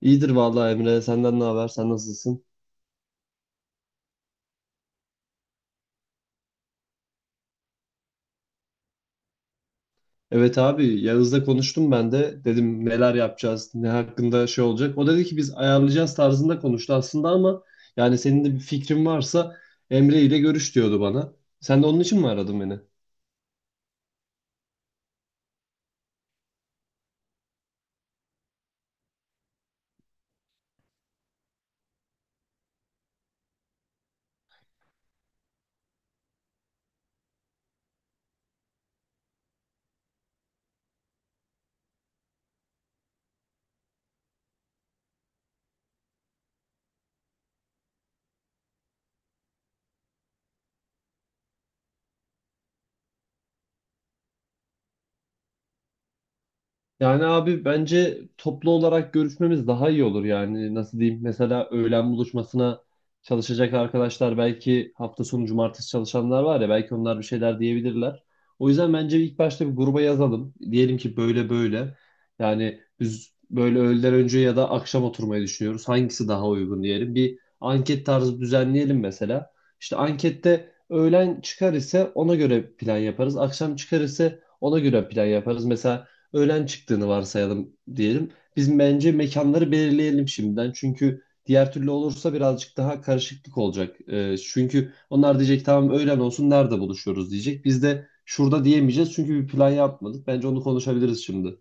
İyidir vallahi Emre. Senden ne haber? Sen nasılsın? Evet abi Yağız'la konuştum ben de. Dedim neler yapacağız, ne hakkında şey olacak. O dedi ki biz ayarlayacağız tarzında konuştu aslında ama yani senin de bir fikrin varsa Emre ile görüş diyordu bana. Sen de onun için mi aradın beni? Yani abi bence toplu olarak görüşmemiz daha iyi olur yani nasıl diyeyim mesela öğlen buluşmasına çalışacak arkadaşlar belki hafta sonu cumartesi çalışanlar var ya belki onlar bir şeyler diyebilirler. O yüzden bence ilk başta bir gruba yazalım. Diyelim ki böyle böyle yani biz böyle öğleden önce ya da akşam oturmayı düşünüyoruz. Hangisi daha uygun diyelim. Bir anket tarzı düzenleyelim mesela. İşte ankette öğlen çıkar ise ona göre plan yaparız. Akşam çıkar ise ona göre plan yaparız. Mesela öğlen çıktığını varsayalım diyelim. Biz bence mekanları belirleyelim şimdiden. Çünkü diğer türlü olursa birazcık daha karışıklık olacak. Çünkü onlar diyecek tamam öğlen olsun nerede buluşuyoruz diyecek. Biz de şurada diyemeyeceğiz çünkü bir plan yapmadık. Bence onu konuşabiliriz şimdi.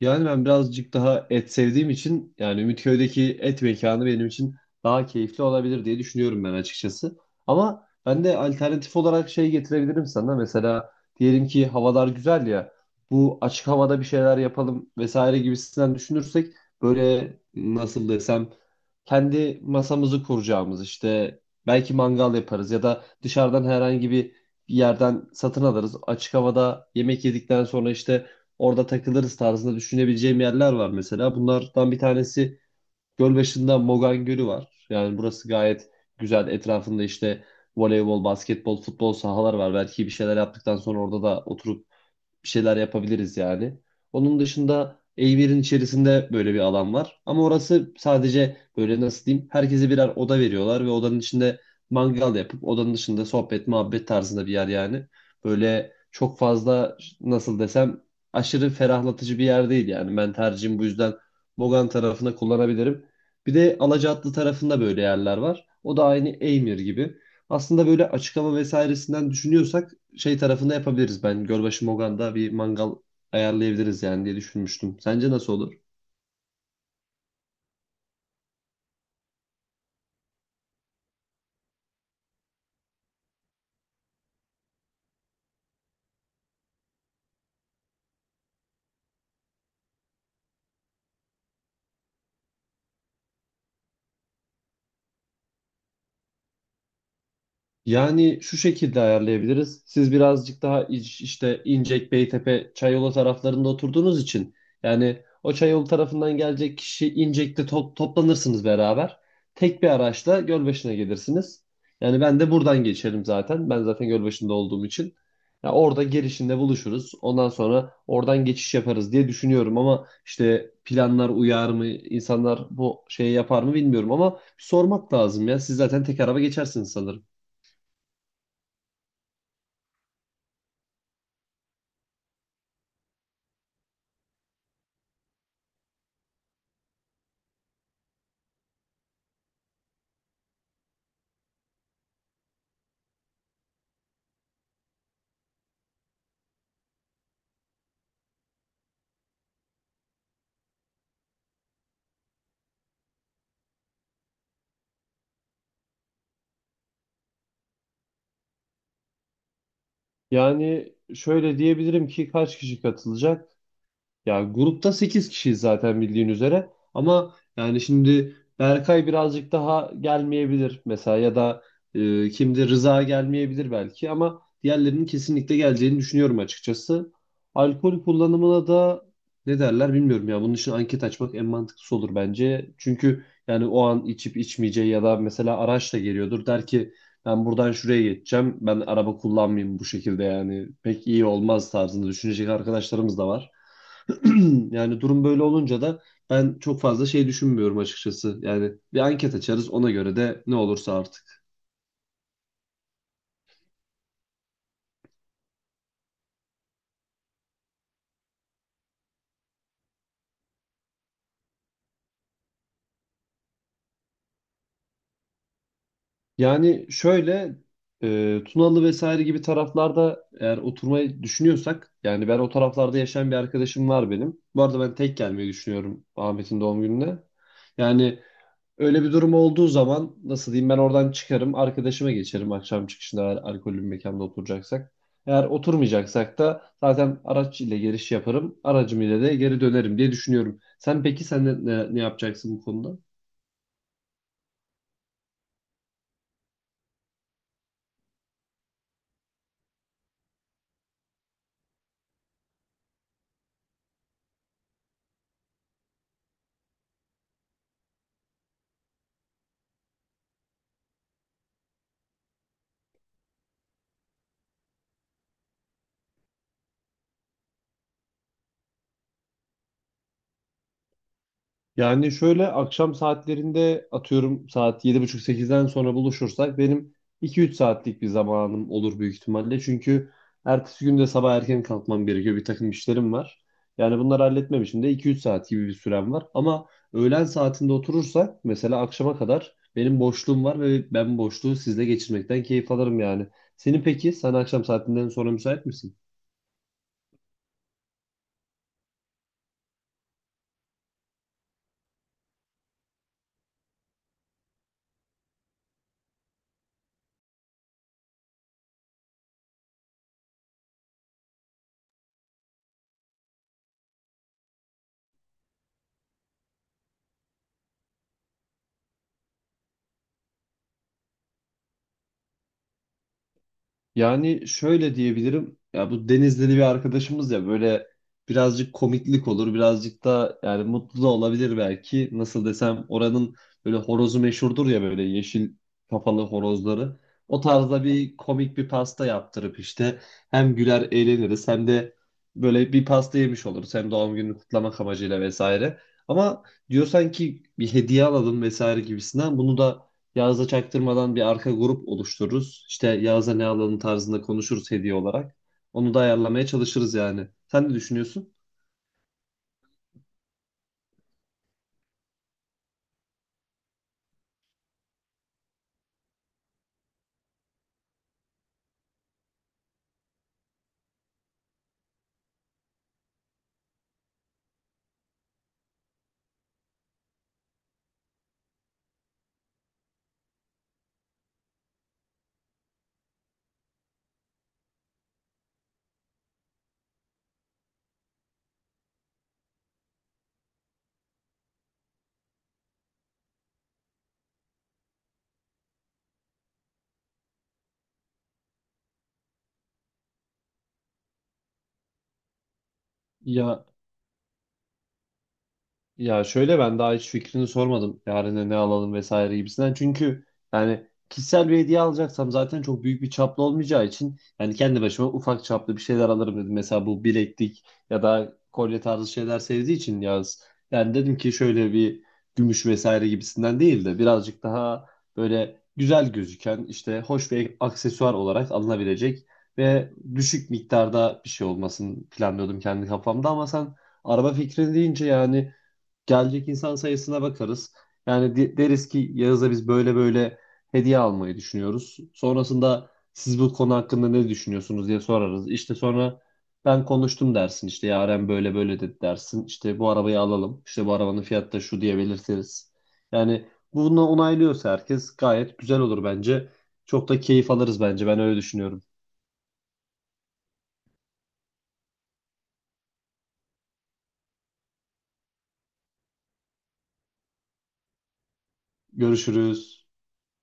Yani ben birazcık daha et sevdiğim için yani Ümitköy'deki et mekanı benim için daha keyifli olabilir diye düşünüyorum ben açıkçası. Ama ben de alternatif olarak şey getirebilirim sana. Mesela diyelim ki havalar güzel ya bu açık havada bir şeyler yapalım vesaire gibisinden düşünürsek böyle nasıl desem kendi masamızı kuracağımız işte belki mangal yaparız ya da dışarıdan herhangi bir yerden satın alırız. Açık havada yemek yedikten sonra işte orada takılırız tarzında düşünebileceğim yerler var mesela. Bunlardan bir tanesi Gölbaşı'nda Mogan Gölü var. Yani burası gayet güzel. Etrafında işte voleybol, basketbol, futbol sahalar var. Belki bir şeyler yaptıktan sonra orada da oturup bir şeyler yapabiliriz yani. Onun dışında a içerisinde böyle bir alan var. Ama orası sadece böyle nasıl diyeyim herkese birer oda veriyorlar ve odanın içinde mangal yapıp odanın dışında sohbet muhabbet tarzında bir yer yani. Böyle çok fazla nasıl desem aşırı ferahlatıcı bir yer değil yani. Ben tercihim bu yüzden Bogan tarafını kullanabilirim. Bir de Alacaatlı tarafında böyle yerler var. O da aynı Eymir gibi. Aslında böyle açık hava vesairesinden düşünüyorsak şey tarafında yapabiliriz. Ben Gölbaşı Mogan'da bir mangal ayarlayabiliriz yani diye düşünmüştüm. Sence nasıl olur? Yani şu şekilde ayarlayabiliriz. Siz birazcık daha işte İncek, Beytepe, Çayolu taraflarında oturduğunuz için yani o Çayolu tarafından gelecek kişi İncek'te toplanırsınız beraber. Tek bir araçla Gölbaşı'na gelirsiniz. Yani ben de buradan geçerim zaten. Ben zaten Gölbaşı'nda olduğum için. Ya orada girişinde buluşuruz. Ondan sonra oradan geçiş yaparız diye düşünüyorum ama işte planlar uyar mı, insanlar bu şeyi yapar mı bilmiyorum ama sormak lazım ya. Siz zaten tek araba geçersiniz sanırım. Yani şöyle diyebilirim ki kaç kişi katılacak? Ya grupta 8 kişiyiz zaten bildiğin üzere. Ama yani şimdi Berkay birazcık daha gelmeyebilir mesela ya da kimdi Rıza gelmeyebilir belki ama diğerlerinin kesinlikle geleceğini düşünüyorum açıkçası. Alkol kullanımına da ne derler bilmiyorum ya. Bunun için anket açmak en mantıklısı olur bence. Çünkü yani o an içip içmeyeceği ya da mesela araçla geliyordur. Der ki ben buradan şuraya geçeceğim. Ben araba kullanmayayım bu şekilde yani. Pek iyi olmaz tarzında düşünecek arkadaşlarımız da var. Yani durum böyle olunca da ben çok fazla şey düşünmüyorum açıkçası. Yani bir anket açarız ona göre de ne olursa artık. Yani şöyle Tunalı vesaire gibi taraflarda eğer oturmayı düşünüyorsak yani ben o taraflarda yaşayan bir arkadaşım var benim. Bu arada ben tek gelmeyi düşünüyorum Ahmet'in doğum gününe. Yani öyle bir durum olduğu zaman nasıl diyeyim ben oradan çıkarım arkadaşıma geçerim akşam çıkışında eğer alkollü bir mekanda oturacaksak. Eğer oturmayacaksak da zaten araç ile giriş yaparım aracım ile de geri dönerim diye düşünüyorum. Sen peki sen ne yapacaksın bu konuda? Yani şöyle akşam saatlerinde atıyorum saat 7:30 sekizden sonra buluşursak benim 2-3 saatlik bir zamanım olur büyük ihtimalle. Çünkü ertesi gün de sabah erken kalkmam gerekiyor. Bir takım işlerim var. Yani bunları halletmem için de 2-3 saat gibi bir sürem var. Ama öğlen saatinde oturursak mesela akşama kadar benim boşluğum var ve ben boşluğu sizle geçirmekten keyif alırım yani. Senin peki sen akşam saatinden sonra müsait misin? Yani şöyle diyebilirim. Ya bu Denizli'li bir arkadaşımız ya böyle birazcık komiklik olur. Birazcık da yani mutlu da olabilir belki. Nasıl desem oranın böyle horozu meşhurdur ya böyle yeşil kafalı horozları. O tarzda bir komik bir pasta yaptırıp işte hem güler eğleniriz hem de böyle bir pasta yemiş oluruz. Hem doğum gününü kutlamak amacıyla vesaire. Ama diyorsan ki bir hediye alalım vesaire gibisinden bunu da Yağız'a çaktırmadan bir arka grup oluştururuz. İşte Yağız'a ne alalım tarzında konuşuruz hediye olarak. Onu da ayarlamaya çalışırız yani. Sen ne düşünüyorsun? Ya Ya şöyle ben daha hiç fikrini sormadım. Yarına ne alalım vesaire gibisinden. Çünkü yani kişisel bir hediye alacaksam zaten çok büyük bir çaplı olmayacağı için yani kendi başıma ufak çaplı bir şeyler alırım dedim. Mesela bu bileklik ya da kolye tarzı şeyler sevdiği için yaz. Yani dedim ki şöyle bir gümüş vesaire gibisinden değil de birazcık daha böyle güzel gözüken işte hoş bir aksesuar olarak alınabilecek ve düşük miktarda bir şey olmasını planlıyordum kendi kafamda ama sen araba fikrini deyince yani gelecek insan sayısına bakarız. Yani deriz ki Yağız'a biz böyle böyle hediye almayı düşünüyoruz. Sonrasında siz bu konu hakkında ne düşünüyorsunuz diye sorarız. İşte sonra ben konuştum dersin. İşte Yaren böyle böyle dedi dersin. İşte bu arabayı alalım. İşte bu arabanın fiyatı da şu diye belirtiriz. Yani bunu onaylıyorsa herkes gayet güzel olur bence. Çok da keyif alırız bence. Ben öyle düşünüyorum. Görüşürüz.